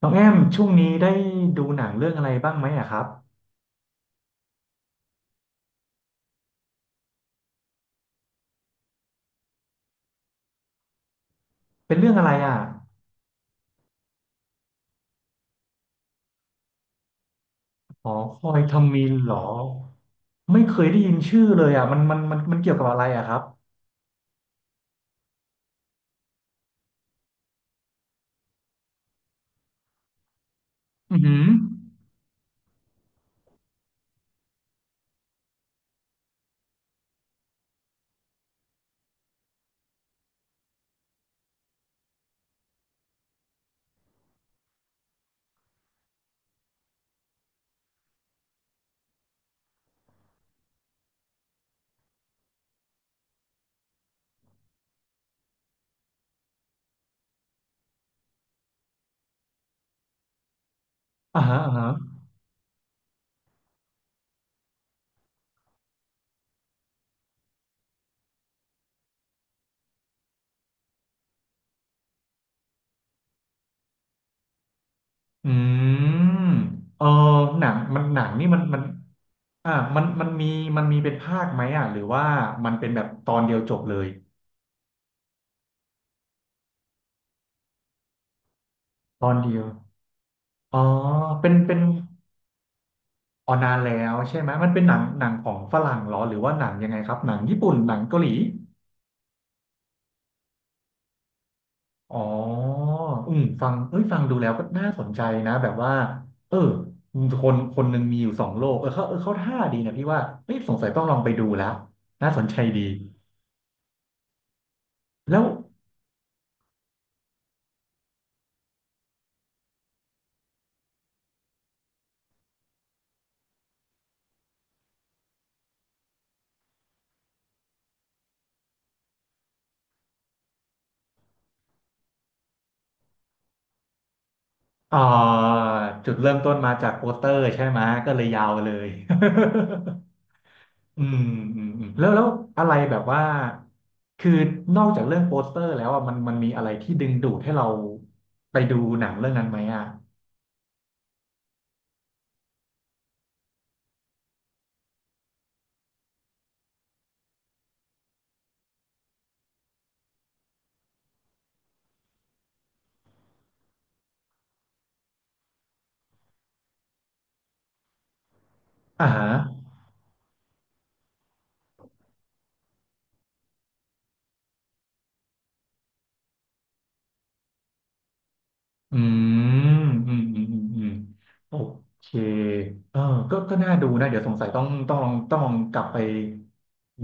น้องแอมช่วงนี้ได้ดูหนังเรื่องอะไรบ้างไหมอะครับเป็นเรื่องอะไรอะหอคอยทำมินเหรอไม่เคยได้ยินชื่อเลยอะมันเกี่ยวกับอะไรอะครับอือหืออ่าฮะอ่าฮะอืมเออหนังนี่มันมีมันมีเป็นภาคไหมอะหรือว่ามันเป็นแบบตอนเดียวจบเลยตอนเดียวอ๋อเป็นอ๋อนานแล้วใช่ไหมมันเป็นหนังของฝรั่งเหรอหรือว่าหนังยังไงครับหนังญี่ปุ่นหนังเกาหลี อ๋ออืมฟังเอ้ยฟังดูแล้วก็น่าสนใจนะแบบว่าเออคนคนหนึ่งมีอยู่สองโลกเขาท่าดีนะพี่ว่าเฮ้ยสงสัยต้องลองไปดูแล้วน่าสนใจดีแล้วเอ่อจุดเริ่มต้นมาจากโปสเตอร์ใช่ไหมก็เลยยาวเลย อืมอืมแล้วอะไรแบบว่าคือนอกจากเรื่องโปสเตอร์แล้วอ่ะมันมีอะไรที่ดึงดูดให้เราไปดูหนังเรื่องนั้นไหมอ่ะอ่าฮะ อืมอืมโอเคเออก็น่าดูนะ เดี๋ยวสงสัยต้องกลับไป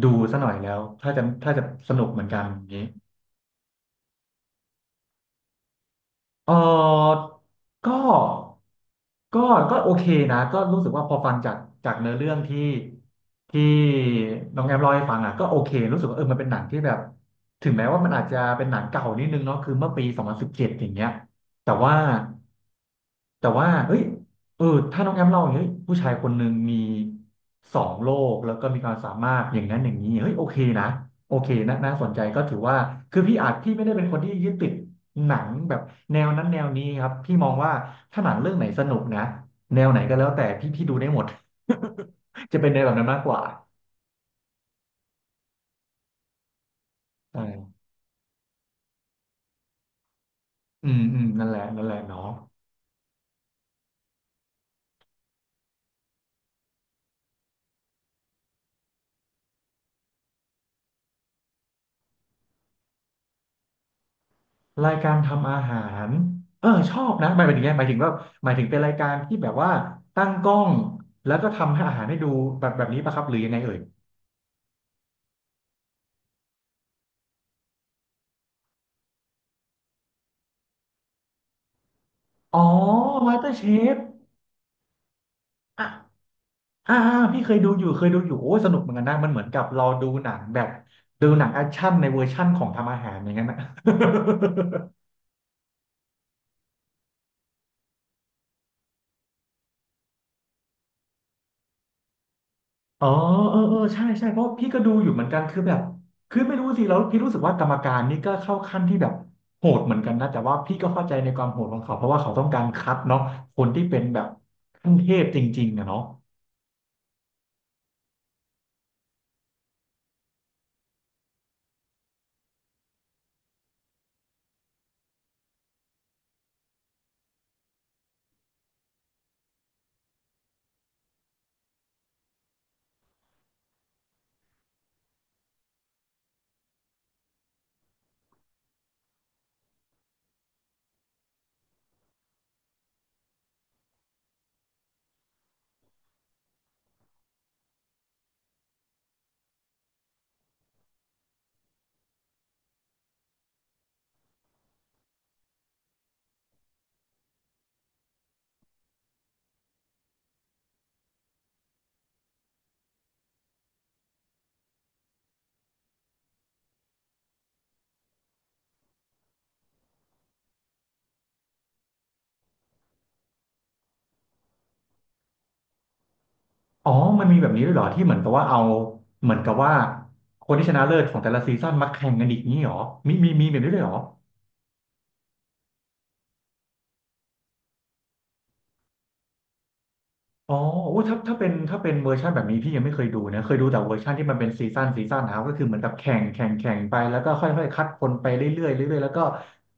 ดูซะหน่อยแล้ว ถ้าจะสนุกเหมือนกันอย่างนี้ เออก็ก็ก็โอเคนะก็รู้สึกว่าพอฟังจากเนื้อเรื่องที่น้องแอมเล่าให้ฟังอ่ะก็โอเครู้สึกว่าเออมันเป็นหนังที่แบบถึงแม้ว่ามันอาจจะเป็นหนังเก่านิดนึงเนาะคือเมื่อปี2017อย่างเงี้ยแต่ว่าแต่ว่าเฮ้ยเออถ้าน้องแอมเล่าอย่างเงี้ยเฮ้ยผู้ชายคนหนึ่งมีสองโลกแล้วก็มีความสามารถอย่างนั้นอย่างนี้เฮ้ยโอเคนะโอเคนะน่าสนใจก็ถือว่าคือพี่อาจพี่ไม่ได้เป็นคนที่ยึดติด หนังแบบแนวนั้นแนวนี้ครับพี่มองว่าถ้าหนังเรื่องไหนสนุกนะแนวไหนก็แล้วแต่พี่ดูได้หมด จะเป็นในวแบบนั้นมากกว่าใช่อืมอืมนั่นแหละเนาะรายการทำอาหารเออชอบนะหมายถึงว่าหมายถึงเป็นรายการที่แบบว่าตั้งกล้องแล้วก็ทำให้อาหารให้ดูแบบนี้ปะครับหรือยังไงเอ่ยอ๋อมาสเตอร์เชฟ อ่าๆพี่เคยดูอยู่เคยดูอยู่โอ้ยสนุกเหมือนกันนะมันเหมือนกับเราดูหนังแบบดูหนังแอคชั่นในเวอร์ชั่นของทำอาหารอย่างนั้นนะ อ๋อเออใช่เพราะพี่ก็ดูอยู่เหมือนกันคือแบบคือไม่รู้สิแล้วพี่รู้สึกว่ากรรมการนี่ก็เข้าขั้นที่แบบโหดเหมือนกันนะแต่ว่าพี่ก็เข้าใจในความโหดของเขาเพราะว่าเขาต้องการคัดเนาะคนที่เป็นแบบขั้นเทพจริงๆอะเนาะอ๋อมันมีแบบนี้ด้วยเหรอที่เหมือนกับว่าเอาเหมือนกับว่าคนที่ชนะเลิศของแต่ละซีซั่นมาแข่งกันอีกนี้เหรอมีแบบนี้ด้วยเหรอ อ๋อโอ้ถ้าเป็นเวอร์ชันแบบนี้พี่ยังไม่เคยดูนะเคยดูแต่เวอร์ชันที่มันเป็นซีซั่นนะครับก็คือเหมือนกับแข่งไปแล้วก็ค่อยๆคัดคนไปเรื่อยๆเรื่อยๆแล้วก็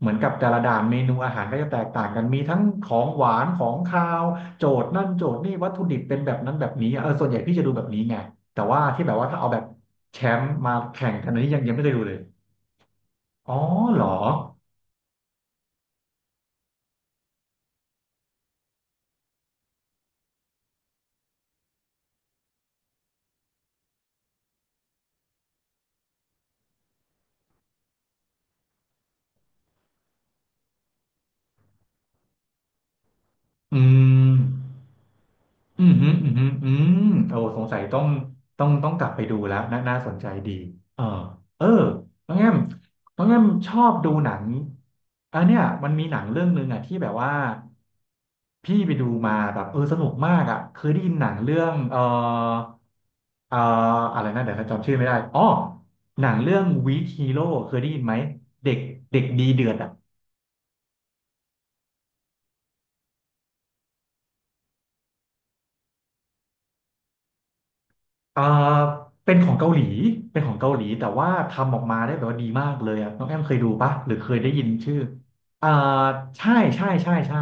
เหมือนกับแต่ละด่านเมนูอาหารก็จะแตกต่างกันมีทั้งของหวานของคาวโจทย์นั่นโจทย์นี่วัตถุดิบเป็นแบบนั้นแบบนี้เออส่วนใหญ่พี่จะดูแบบนี้ไงแต่ว่าที่แบบว่าถ้าเอาแบบแชมป์มาแข่งกันอันนี้ยังไม่เคยดูเลยอ๋อเหรออืม อืมฮึอืมฮึอืมโอ้สงสัยต้องกลับไปดูแล้วน่าสนใจดีเออเออน้องแอมชอบดูหนังอันเนี้ยมันมีหนังเรื่องหนึ่งอ่ะที่แบบว่าพี่ไปดูมาแบบเออสนุกมากอ่ะเคยได้ยินหนังเรื่องเอออะไรนะเดี๋ยวจำชื่อไม่ได้อ๋อหนังเรื่องวีคฮีโร่เคยได้ยินไหมเด็กเด็กดีเดือดอ่ะ เอ่าเป็นของเกาหลีเป็นของเกาหลีแต่ว่าทำออกมาได้แบบว่าดีมากเลยอ่ะน้องแอมเคยดูปะหรือเคยได้ยินชื่ออ่าใช่ใช่ใช่ใช่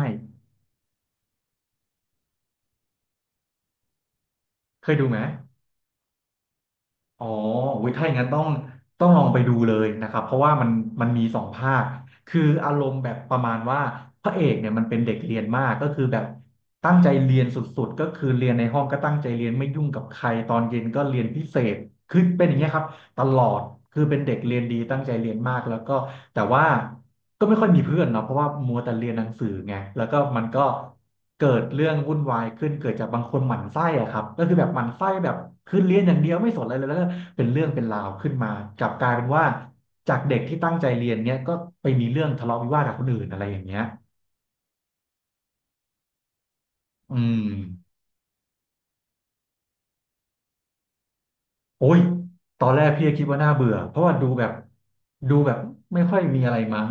เคยดูไหมอ๋อวิถ้าอย่างนั้นต้องลองไปดูเลยนะครับเพราะว่ามันมีสองภาคคืออารมณ์แบบประมาณว่าพระเอกเนี่ยมันเป็นเด็กเรียนมากก็คือแบบตั้งใจเรียนสุดๆก็คือเรียนในห้องก็ตั้งใจเรียนไม่ยุ่งกับใครตอนเย็นก็เรียนพิเศษคือเป็นอย่างเงี้ยครับ ตลอดคือเป็นเด็กเรียนดีตั้งใจเรียนมากแล้วก็แต่ว่าก็ไม่ค่อยมีเพื่อนเนาะเพราะว่ามัวแต่เรียนหนังสือไงแล้วก็มันก็เกิดเรื่องวุ่นวายขึ้นเกิดจากบางคนหมั่นไส้อะครับก็คือแบบหมั่นไส้แบบคือเรียนอย่างเดียวไม่สนอะไรเลยแล้วก็เป็นเรื่องเป็นราวขึ้นมากลับกลายเป็นว่าจากเด็กที่ตั้งใจเรียนเนี้ยก็ไปมีเรื่องทะเลาะวิวาทกับคนอื่นอะไรอย่างเงี้ยอืม โอ้ยตอนแรกพี่ก็คิดว่าน่าเบื่อเพราะว่าดูแบบไม่ค่อยมีอะไรมั้ง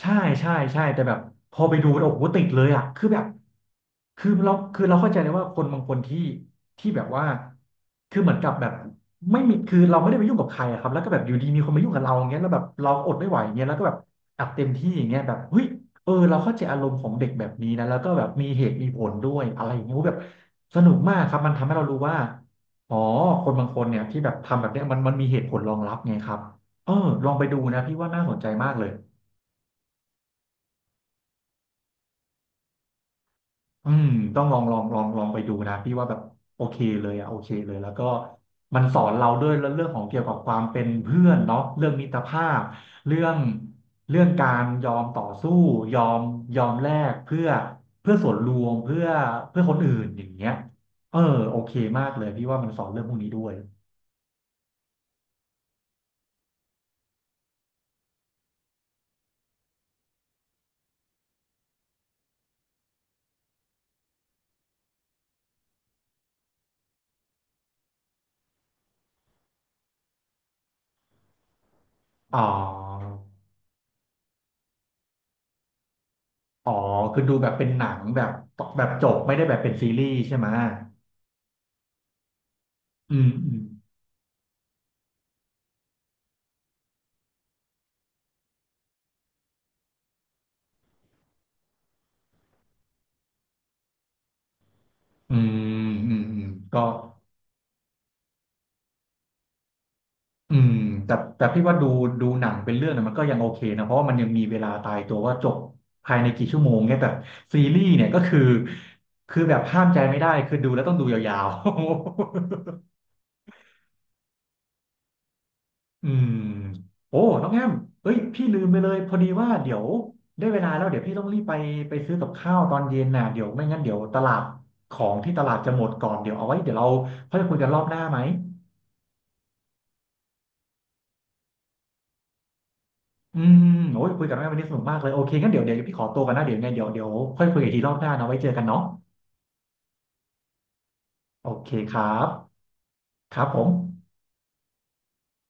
ใช่ใช่ใช่แต่แบบพอไปดูแล้วโอ้โหติดเลยอ่ะคือแบบคือเราเข้าใจเลยว่าคนบางคนที่ที่แบบว่าคือเหมือนกับแบบไม่มีคือเราไม่ได้ไปยุ่งกับใครอะครับแล้วก็แบบอยู่ดีมีคนมายุ่งกับเราอย่างเงี้ยแล้วแบบเราอดไม่ไหวอย่างเงี้ยแล้วก็แบบอัดเต็มที่อย่างเงี้ยแบบเฮ้ยเออเราเข้าใจอารมณ์ของเด็กแบบนี้นะแล้วก็แบบมีเหตุมีผลด้วยอะไรอย่างเงี้ยโอ้แบบสนุกมากครับมันทำให้เรารู้ว่า อ๋อคนบางคนเนี่ยที่แบบทำแบบเนี้ยมันมีเหตุผลรองรับไงครับเออลองไปดูนะพี่ว่าน่าสนใจมากเลยอืมต้องลองไปดูนะพี่ว่าแบบโอเคเลยอะโอเคเลยแล้วก็มันสอนเราด้วยเรื่องของเกี่ยวกับความเป็นเพื่อนเนาะเรื่องมิตรภาพเรื่องเรื่องการยอมต่อสู้ยอมยอมแลกเพื่อส่วนรวมเพื่อคนอื่นอย่างเงี้ยเออโอเคมากเลยพี่ว่ามันสอนเรื่องพวกนี้ด้วยอ๋อ อ๋อคือดูแบบเป็นหนังแบบแบบจบไม่ได้แบบเป็นซีรีส์ใช่ไหมอืมอืมอืมอืมอืมก็อืมแต่พี่ว่าดูดูหนังเป็นเรื่องเนี่ยมันก็ยังโอเคนะ เพราะว่ามันยังมีเวลาตายตัวว่าจบภายในกี่ชั่วโมงเนี่ยแต่ซีรีส์เนี่ยก็คือคือแบบห้ามใจไม่ได้คือดูแล้วต้องดูยาวๆ อืมโอ้น้องแอมเอ้ยพี่ลืมไปเลยพอดีว่าเดี๋ยวได้เวลาแล้วเดี๋ยวพี่ต้องรีบไปไปซื้อกับข้าวตอนเย็นน่ะเดี๋ยวไม่งั้นเดี๋ยวตลาดของที่ตลาดจะหมดก่อนเดี๋ยวเอาไว้เดี๋ยวเราค่อยคุยกันรอบหน้าไหมอืมโอ้ยคุยกับน้องแอมวันนี้สนุกมากเลยโอเคงั้นเดี๋ยวเดี๋ยวพี่ขอตัวกันนะเดี๋ยวยังไงเดี๋ยวเดี๋ยวค่อยคุยกันอีกทีรอบหน้านะไว้เจอกันเนาะโอเคครับครับผม